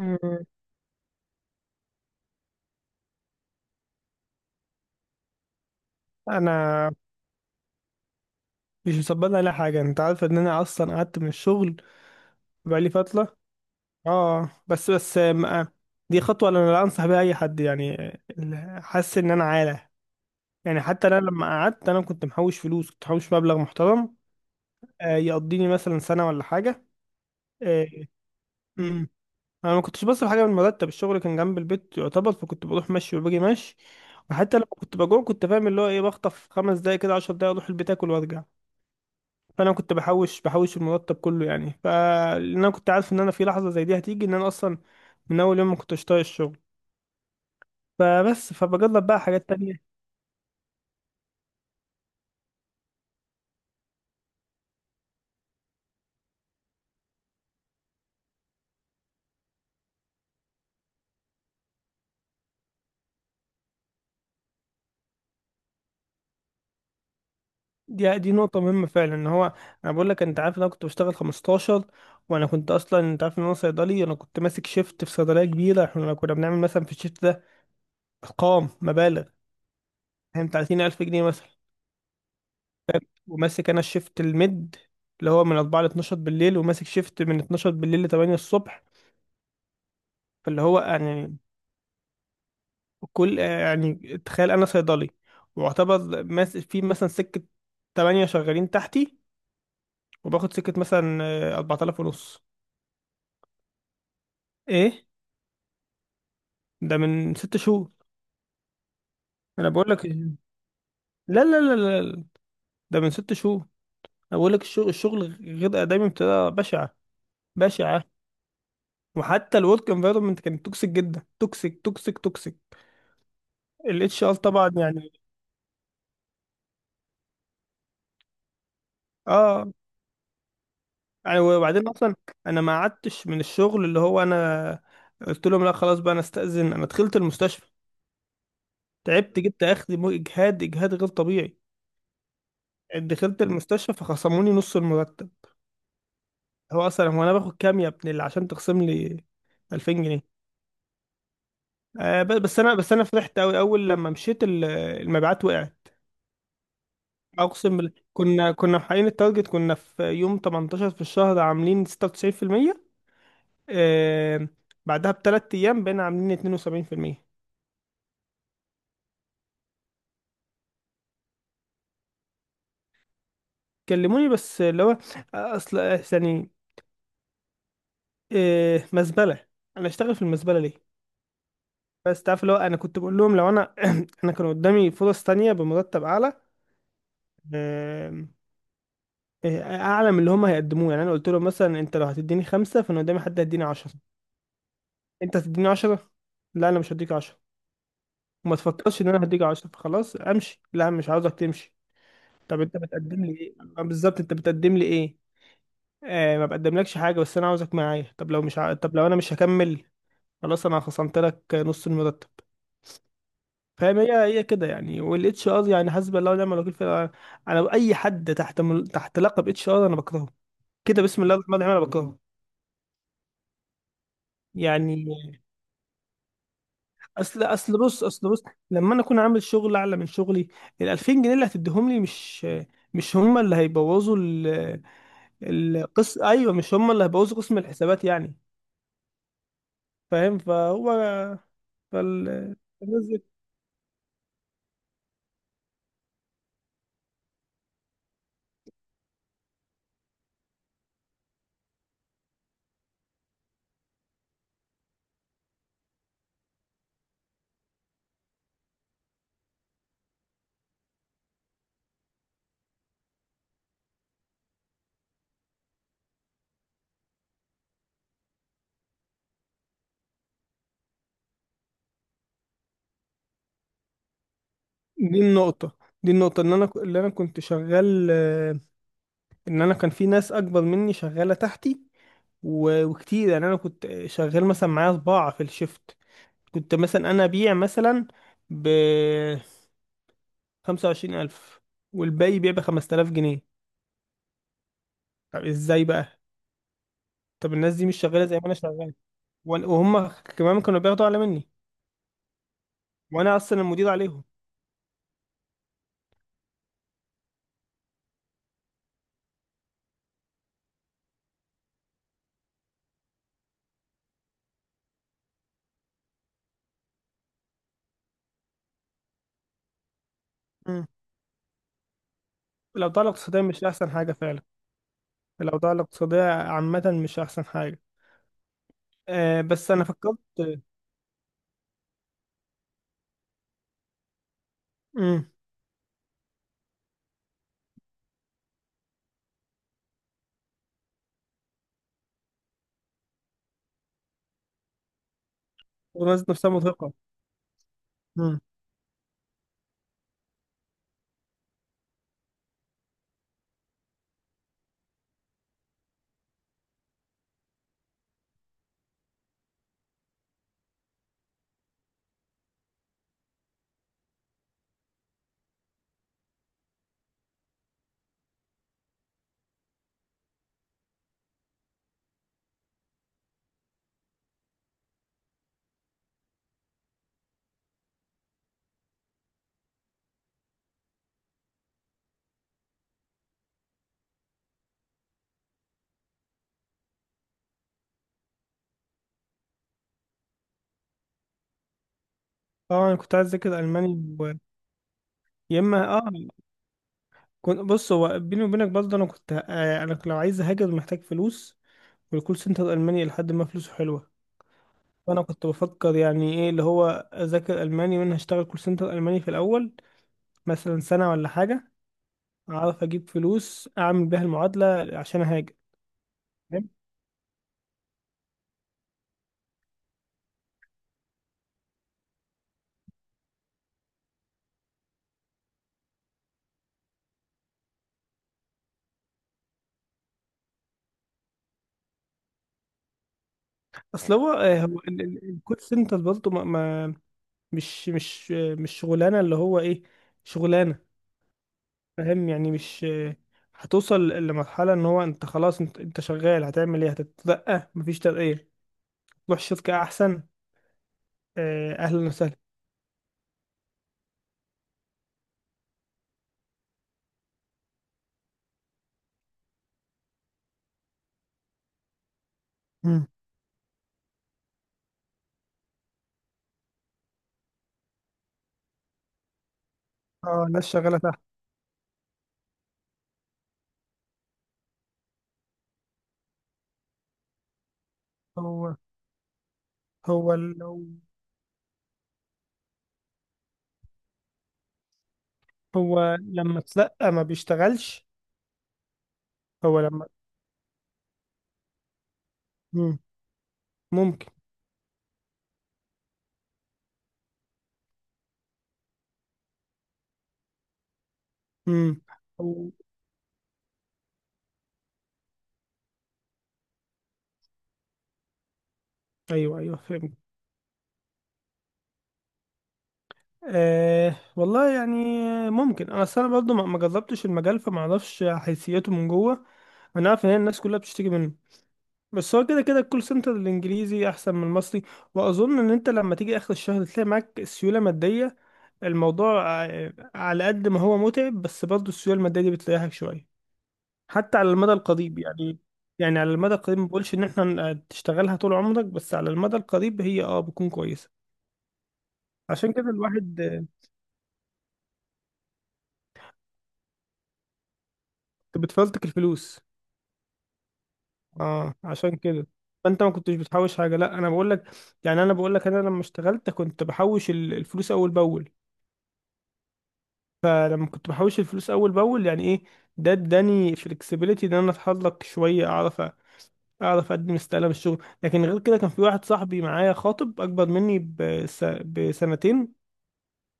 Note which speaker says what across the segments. Speaker 1: مم. انا. مش مصبرني على حاجه، انت عارف ان انا اصلا قعدت من الشغل بقالي فتره. اه، بس ما دي خطوه انا لا انصح بيها اي حد يعني. حاسس ان انا عاله. يعني حتى انا لما قعدت انا كنت محوش فلوس، كنت محوش مبلغ محترم يقضيني مثلا سنه ولا حاجه. آه. مم. انا ما كنتش بصرف حاجه من المرتب، الشغل كان جنب البيت يعتبر، فكنت بروح مشي وباجي مشي. وحتى لما كنت بجوع كنت فاهم اللي هو ايه، بخطف 5 دقايق كده، 10 دقايق، اروح البيت اكل وارجع. فانا كنت بحوش المرتب كله. يعني فلان انا كنت عارف ان انا في لحظه زي دي هتيجي، ان انا اصلا من اول يوم ما كنتش طايق الشغل. فبجرب بقى حاجات تانية. دي نقطه مهمه فعلا. ان هو انا بقول لك، انت عارف ان انا كنت بشتغل 15. وانا كنت اصلا، انت عارف ان انا صيدلي، انا كنت ماسك شيفت في صيدليه كبيره. احنا كنا بنعمل مثلا في الشيفت ده ارقام مبالغ، فاهم؟ 30000 جنيه مثلا. وماسك انا الشيفت الميد اللي هو من 4 ل 12 بالليل، وماسك شيفت من 12 بالليل ل 8 الصبح. فاللي هو يعني كل، يعني تخيل انا صيدلي واعتبر ماس في مثلا سكة 8 شغالين تحتي، وباخد سكة مثلا 4500. ايه؟ ده من 6 شهور. انا بقول لك لا. لا لا لا لا ده من ست شهور. انا بقول لك الشغل، غير آدمي بطريقة بشعة، بشعة. وحتى الورك انفايرمنت كانت توكسيك جدا، توكسيك توكسيك توكسيك. الاتش ار طبعا يعني. اه. يعني وبعدين اصلا انا ما قعدتش من الشغل اللي هو، انا قلت لهم لا خلاص بقى انا استأذن، انا دخلت المستشفى، تعبت، جبت اخري، مو اجهاد، اجهاد غير طبيعي. يعني دخلت المستشفى فخصموني نص المرتب. هو اصلا هو انا باخد كام يا ابن اللي عشان تخصم لي 2000 جنيه؟ بس انا، بس انا فرحت قوي اول لما مشيت، المبيعات وقعت. اقسم بالله كنا محققين التارجت. كنا في يوم 18 في الشهر عاملين 96%. آه. بعدها بـ3 ايام بقينا عاملين 72%. كلموني بس اللي هو آه، اصل آه، يعني آه مزبله. انا اشتغل في المزبله ليه؟ بس تعرف اللي هو انا كنت بقول لهم لو انا، انا كان قدامي فرص تانية بمرتب اعلى. آم، آه، اعلى من اللي هم هيقدموه. يعني انا قلت لهم: مثلا انت لو هتديني خمسة، فانا قدامي حد هيديني عشرة. انت هتديني عشرة؟ لا انا مش هديك عشرة. وما تفكرش ان انا هديك عشرة. فخلاص امشي. لا، مش عاوزك تمشي. طب انت بتقدم لي ايه بالظبط؟ انت بتقدم لي ايه؟ آه، ما بقدملكش حاجة، بس انا عاوزك معايا. طب لو مش طب لو انا مش هكمل؟ خلاص انا خصمت لك نص المرتب. فاهم؟ هي كده يعني. والاتش ار يعني حسب الله ونعم الوكيل فعلا. انا اي حد تحت تحت لقب اتش ار انا بكرهه، كده بسم الله الرحمن الرحيم انا بكرهه. يعني اصل بص، بص، لما انا اكون عامل شغل اعلى من شغلي، ال 2000 جنيه اللي هتديهم لي مش، مش هم اللي القص، ايوه، مش هم اللي هيبوظوا قسم الحسابات يعني. فاهم؟ فال... فالناس دي، دي النقطة دي النقطة ان انا اللي انا كنت شغال، ان انا كان في ناس اكبر مني شغاله تحتي. وكتير يعني انا كنت شغال مثلا معايا صباعة في الشفت. كنت مثلا انا ابيع مثلا ب 25000، والباقي يبيع ب 5000 جنيه. طب ازاي بقى؟ طب الناس دي مش شغاله زي ما انا شغال. وهم كمان كانوا بياخدوا اعلى مني، وانا اصلا المدير عليهم. مم. الأوضاع الاقتصادية مش أحسن حاجة فعلا. الأوضاع الاقتصادية عامة مش أحسن حاجة. أه بس أنا فكرت. امم. الناس نفسها مرهقة. امم. اه، أنا كنت عايز أذاكر ألماني يا إما اه، كنت، بص، هو بيني وبينك برضه، أنا كنت، أنا لو عايز أهاجر محتاج فلوس. والكول سنتر الألماني لحد ما فلوسه حلوة. فأنا كنت بفكر يعني إيه اللي هو، أذاكر ألماني وأنا هشتغل كول سنتر ألماني في الأول، مثلا سنة ولا حاجة، أعرف أجيب فلوس أعمل بيها المعادلة عشان أهاجر. اصل هو الكول سنتر برضه مش، مش شغلانه اللي هو ايه، شغلانه. فاهم يعني؟ مش آه، هتوصل لمرحله ان هو انت خلاص، انت شغال، هتعمل ايه؟ هتترقى؟ مفيش ترقيه. تروح شركه احسن؟ اهلا وسهلا. مم. اه الناس شغاله تحت. هو هو هو لما ترقى ما بيشتغلش. هو لما، مم. ممكن. مم. هو- ايوه ايوه فهمت. أه والله يعني ممكن. انا اصل انا برضه ما جربتش المجال فما اعرفش حيثياته من جوه. انا عارف ان هي الناس كلها بتشتكي منه. بس هو كده كده الكول سنتر الانجليزي احسن من المصري. واظن ان انت لما تيجي اخر الشهر تلاقي معاك سيوله ماديه. الموضوع على قد ما هو متعب بس برضه السيوله الماديه دي بتريحك شويه، حتى على المدى القريب يعني. يعني على المدى القريب ما بقولش ان احنا تشتغلها طول عمرك، بس على المدى القريب هي اه بتكون كويسه. عشان كده الواحد بتفلتك الفلوس. اه، عشان كده. فانت ما كنتش بتحوش حاجه. لا انا بقول لك، يعني انا بقول لك، انا لما اشتغلت كنت بحوش الفلوس اول باول. فلما كنت بحوش الفلوس اول باول، يعني ايه؟ ده اداني فلكسبيليتي ان انا اتحرك شويه، اعرف اعرف اقدم استقاله من الشغل. لكن غير كده كان في واحد صاحبي معايا خاطب اكبر مني بس بسنتين،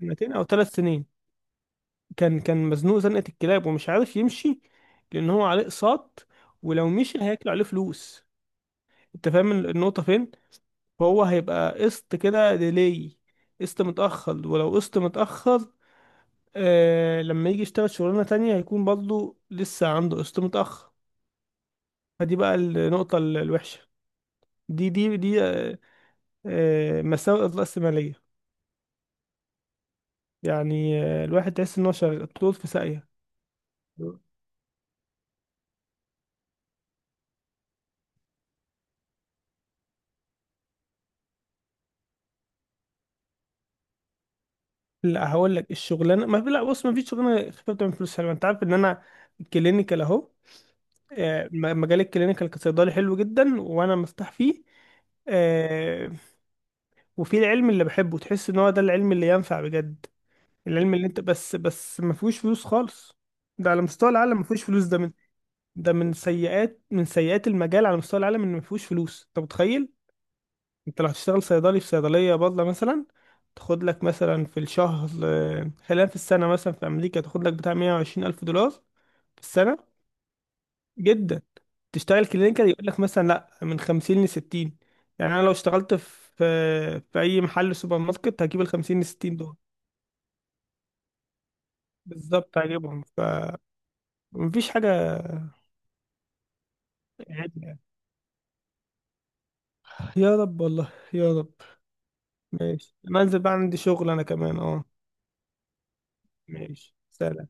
Speaker 1: سنتين او 3 سنين. كان مزنوق زنقه الكلاب ومش عارف يمشي لان هو عليه اقساط، ولو مشي هياكلوا عليه فلوس. انت فاهم النقطة فين؟ فهو هيبقى قسط كده ديلي، قسط متأخر، ولو قسط متأخر آه لما يجي يشتغل شغلانة تانية هيكون برضه لسه عنده قسط متأخر. فدي بقى النقطة الوحشة. دي دي دي آه آه، مساوئ الرأسمالية يعني. آه، الواحد تحس إن هو شغال طول في ساقية. لا هقول لك الشغلانة ما في، لا بص، ما فيش شغلانة خفيفة بتعمل فلوس حلوة. أنت عارف إن أنا كلينيكال أهو. مجال الكلينيكال كصيدلي حلو جدا وانا مرتاح فيه. آه، وفي العلم اللي بحبه تحس ان هو ده العلم اللي ينفع بجد. العلم اللي انت بس ما فيهوش فلوس خالص. ده على مستوى العالم ما فيهوش فلوس. ده من سيئات، من سيئات المجال على مستوى العالم ان ما فيهوش فلوس. انت متخيل؟ انت لو هتشتغل صيدلي في صيدلية بادلة مثلا تاخد لك مثلا في الشهر، خلينا في السنة، مثلا في أمريكا تاخد لك بتاع 120 ألف دولار في السنة. جدا. تشتغل كلينيكال يقول لك مثلا لا من 50 ل 60. يعني انا لو اشتغلت في اي محل سوبر ماركت هجيب ال 50 ل 60 دول بالظبط، هجيبهم. فمفيش حاجه عدل يعني. يا رب، والله يا رب. ماشي. انا انزل بقى عندي شغل انا كمان. اه. ماشي سلام.